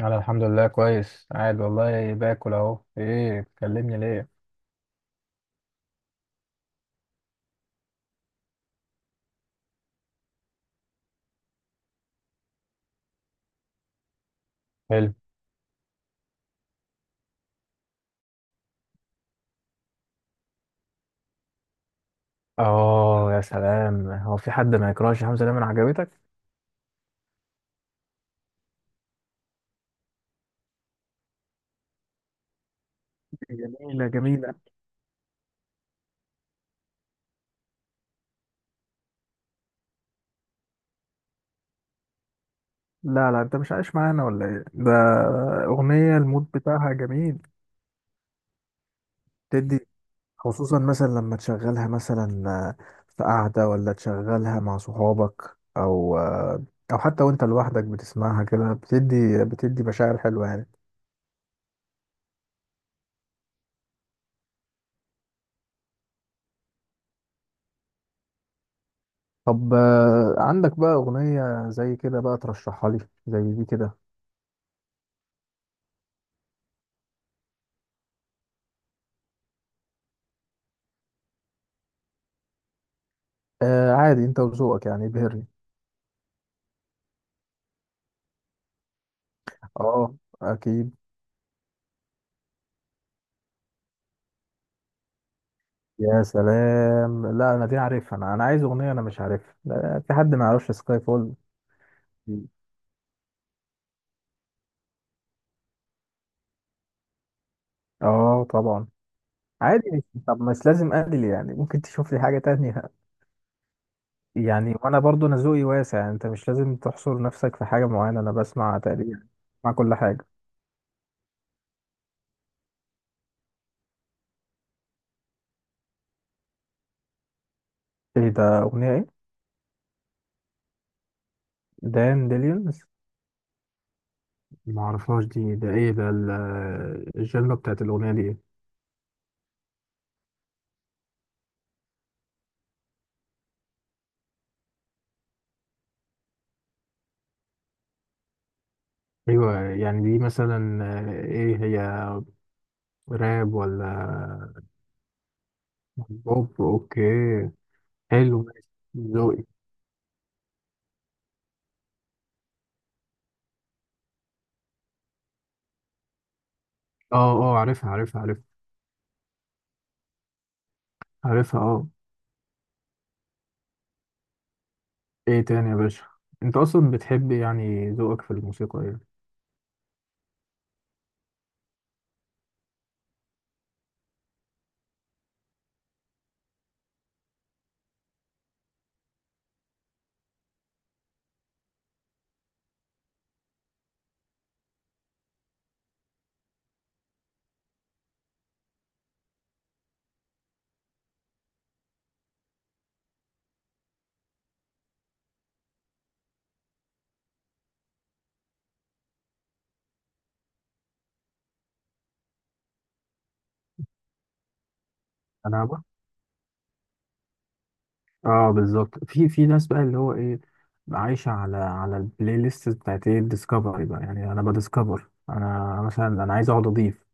انا الحمد لله كويس، قاعد والله باكل اهو. ايه بتكلمني ليه؟ حلو. اه، يا سلام، هو في حد ما يكرهش حمزة نمرة؟ عجبتك؟ جميلة جميلة. لا لا، انت مش عايش معانا ولا ايه ده؟ اغنية المود بتاعها جميل. تدي، خصوصا مثلا لما تشغلها، مثلا في قعدة، ولا تشغلها مع صحابك، او حتى وانت لوحدك بتسمعها كده، بتدي مشاعر حلوة يعني. طب، عندك بقى أغنية زي كده بقى ترشحها لي؟ زي دي كده. عادي، أنت وذوقك، يعني ابهرني. أه، أكيد. يا سلام، لا، أنا دي عارفها، أنا عايز أغنية أنا مش عارفها. لا، في حد ما يعرفش سكاي فول؟ أه طبعا. عادي، طب مش لازم أدل، يعني ممكن تشوف لي حاجة تانية. يعني وأنا برضو، أنا ذوقي واسع، يعني أنت مش لازم تحصر نفسك في حاجة معينة. أنا بسمع تقريبا، بسمع كل حاجة. إيه ده، أغنية إيه؟ دان ديليون. ما اعرفهاش دي. ده ايه ده، الجنرا بتاعت الاغنيه دي ايه؟ ايوه، يعني دي مثلا ايه هي، راب ولا بوب؟ اوكي. حلو، ماشي. ذوقي. اه اه، عارفها عارفها عارفها. عارفها اه. ايه تاني يا باشا؟ انت اصلا بتحب، يعني ذوقك في الموسيقى ايه؟ انا بقى، اه، بالظبط. في ناس بقى اللي هو ايه، عايشه على البلاي ليست بتاعت ايه الديسكفري بقى، يعني. انا بديسكفر، انا مثلا، انا عايز اقعد اضيف،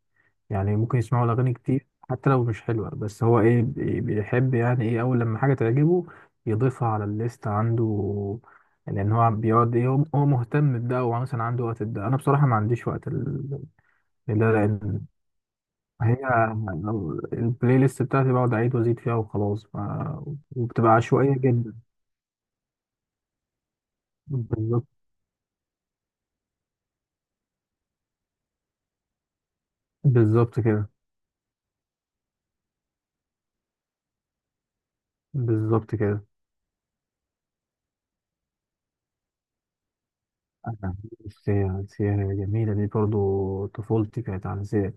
يعني ممكن يسمعوا الأغاني كتير حتى لو مش حلوة، بس هو إيه، بيحب يعني إيه، أول لما حاجة تعجبه يضيفها على الليست عنده. لأن هو بيقعد إيه، هو مهتم بده. هو مثلا عنده وقت ده، أنا بصراحة ما عنديش وقت لده، لأن هي، لو البلاي ليست بتاعتي بقعد أعيد وأزيد فيها وخلاص، وبتبقى عشوائية جدا. بالظبط، بالظبط كده. بالظبط كده. أنا- السيا، السيا جميلة دي، برضو طفولتي كانت عن السيا.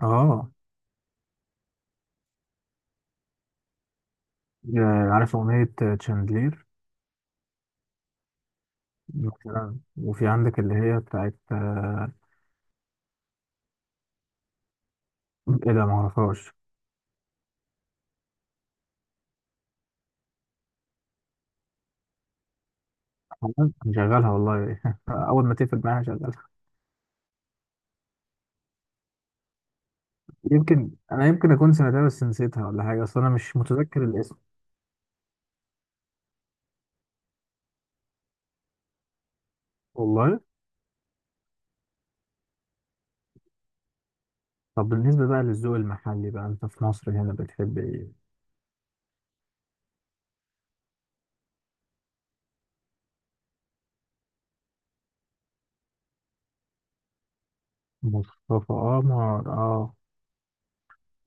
اه، عارف أغنية تشاندلير مثلا؟ وفي عندك اللي هي بتاعت إيه ده، معرفهاش. أنا مشغلها والله. أول ما تقفل معايا هشغلها. يمكن أنا، يمكن أكون سمعتها بس نسيتها ولا حاجة. أصل أنا مش متذكر الاسم. والله. طب، بالنسبة بقى للذوق المحلي بقى، أنت في مصر هنا بتحب إيه؟ مصطفى قمر، آه.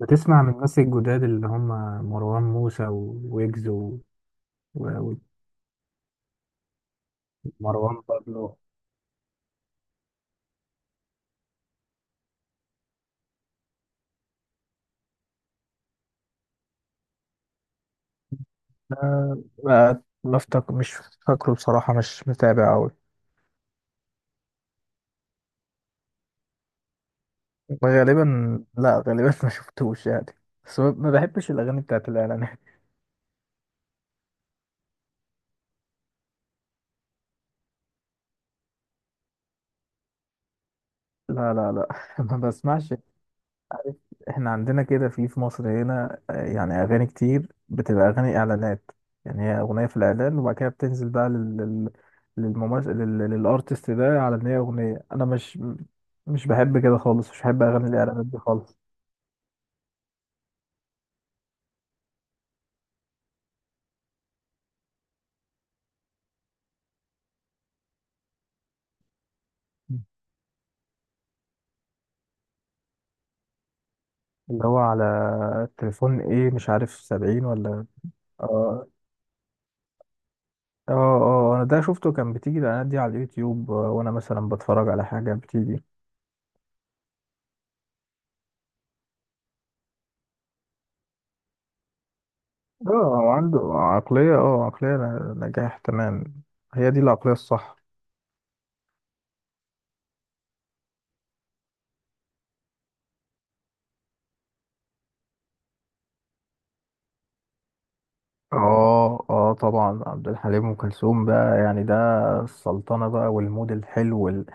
بتسمع من الناس الجداد، اللي هم مروان موسى ويجز و- ومروان بابلو. ما افتكر، مش فاكره بصراحة، مش متابع أوي. غالبا لا، غالبا ما شفتوش يعني. بس ما بحبش الأغاني بتاعت الإعلانات. لا لا لا. ما بسمعش. احنا عندنا كده في مصر هنا يعني أغاني كتير بتبقى أغاني إعلانات. يعني هي أغنية في الإعلان، وبعد كده بتنزل بقى لل للممثل، للأرتست ده، على إن هي أغنية. أنا مش، مش بحب كده خالص، مش بحب أغاني الإعلانات دي خالص. اللي هو على التليفون، ايه مش عارف، سبعين ولا. اه اه اه، انا ده شفته. كان بتيجي الاعلانات دي على اليوتيوب، وانا مثلا بتفرج على حاجه بتيجي. اه، هو عنده عقليه، عقليه نجاح، تمام. هي دي العقليه الصح. اه اه طبعا. عبد الحليم، ام كلثوم، بقى يعني ده السلطنه بقى والمود الحلو،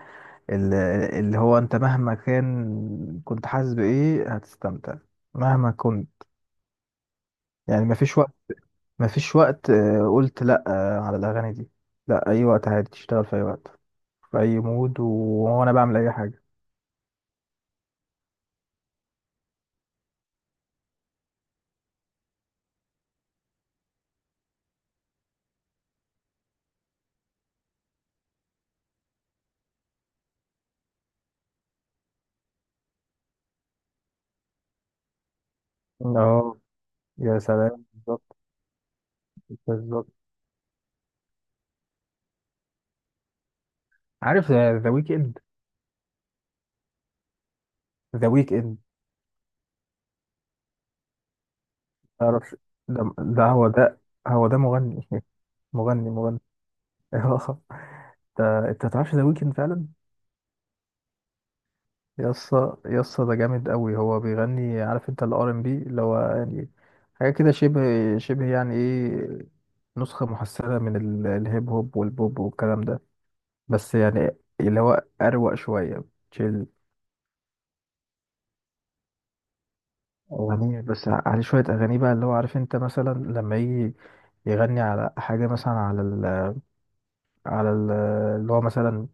ال- اللي هو انت مهما كان، كنت حاسس بايه، هتستمتع، مهما كنت، يعني. مفيش وقت، مفيش وقت قلت لا على الاغاني دي، لا. اي وقت عادي تشتغل، في اي وقت، في اي مود، وانا بعمل اي حاجه. اه يا سلام، بالظبط. بالظبط. عارف ذا ويك اند؟ ذا ويك اند. تعرفش؟ ده، هو ده هو ده مغني. مغني، مغني. اه. انت تعرفش ذا ويك اند فعلا؟ يسا يسا، ده جامد قوي. هو بيغني عارف انت الار ام بي، اللي هو يعني حاجه كده شبه يعني ايه، نسخه محسنه من الهيب هوب والبوب والكلام ده، بس يعني اللي هو اروق شويه، تشيل. أغنية، بس عليه شوية أغاني بقى اللي هو عارف، أنت مثلا لما يجي يغني على حاجة، مثلا على ال، اللي هو مثلا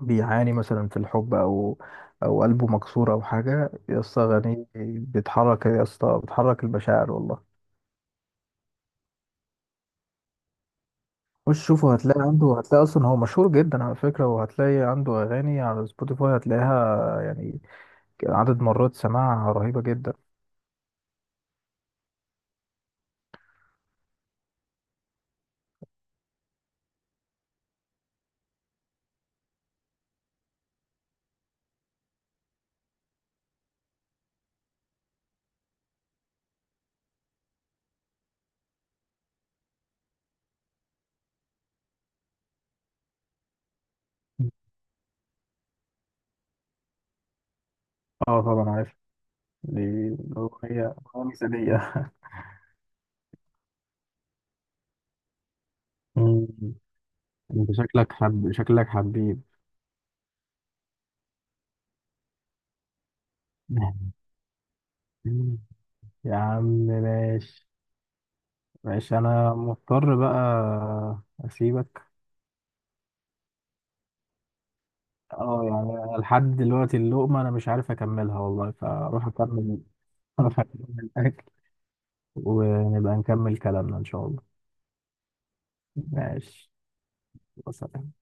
بيعاني مثلا في الحب، أو أو قلبه مكسور، أو حاجة، يا اسطى أغانيه بتحرك، يا اسطى بتحرك المشاعر والله. خش شوفه، هتلاقي عنده، هتلاقي أصلا هو مشهور جدا على فكرة، وهتلاقي عنده أغاني على سبوتيفاي، هتلاقيها يعني عدد مرات سماعها رهيبة جدا. اه طبعا عارف دي. أغنية مثالية. انت شكلك حب، شكلك حبيب. يا عم ماشي. ماشي، انا مضطر بقى اسيبك. اه يعني لحد دلوقتي اللقمة انا مش عارف اكملها والله، فاروح اكمل. اروح اكمل الاكل، ونبقى نكمل كلامنا ان شاء الله. ماشي. وسلام.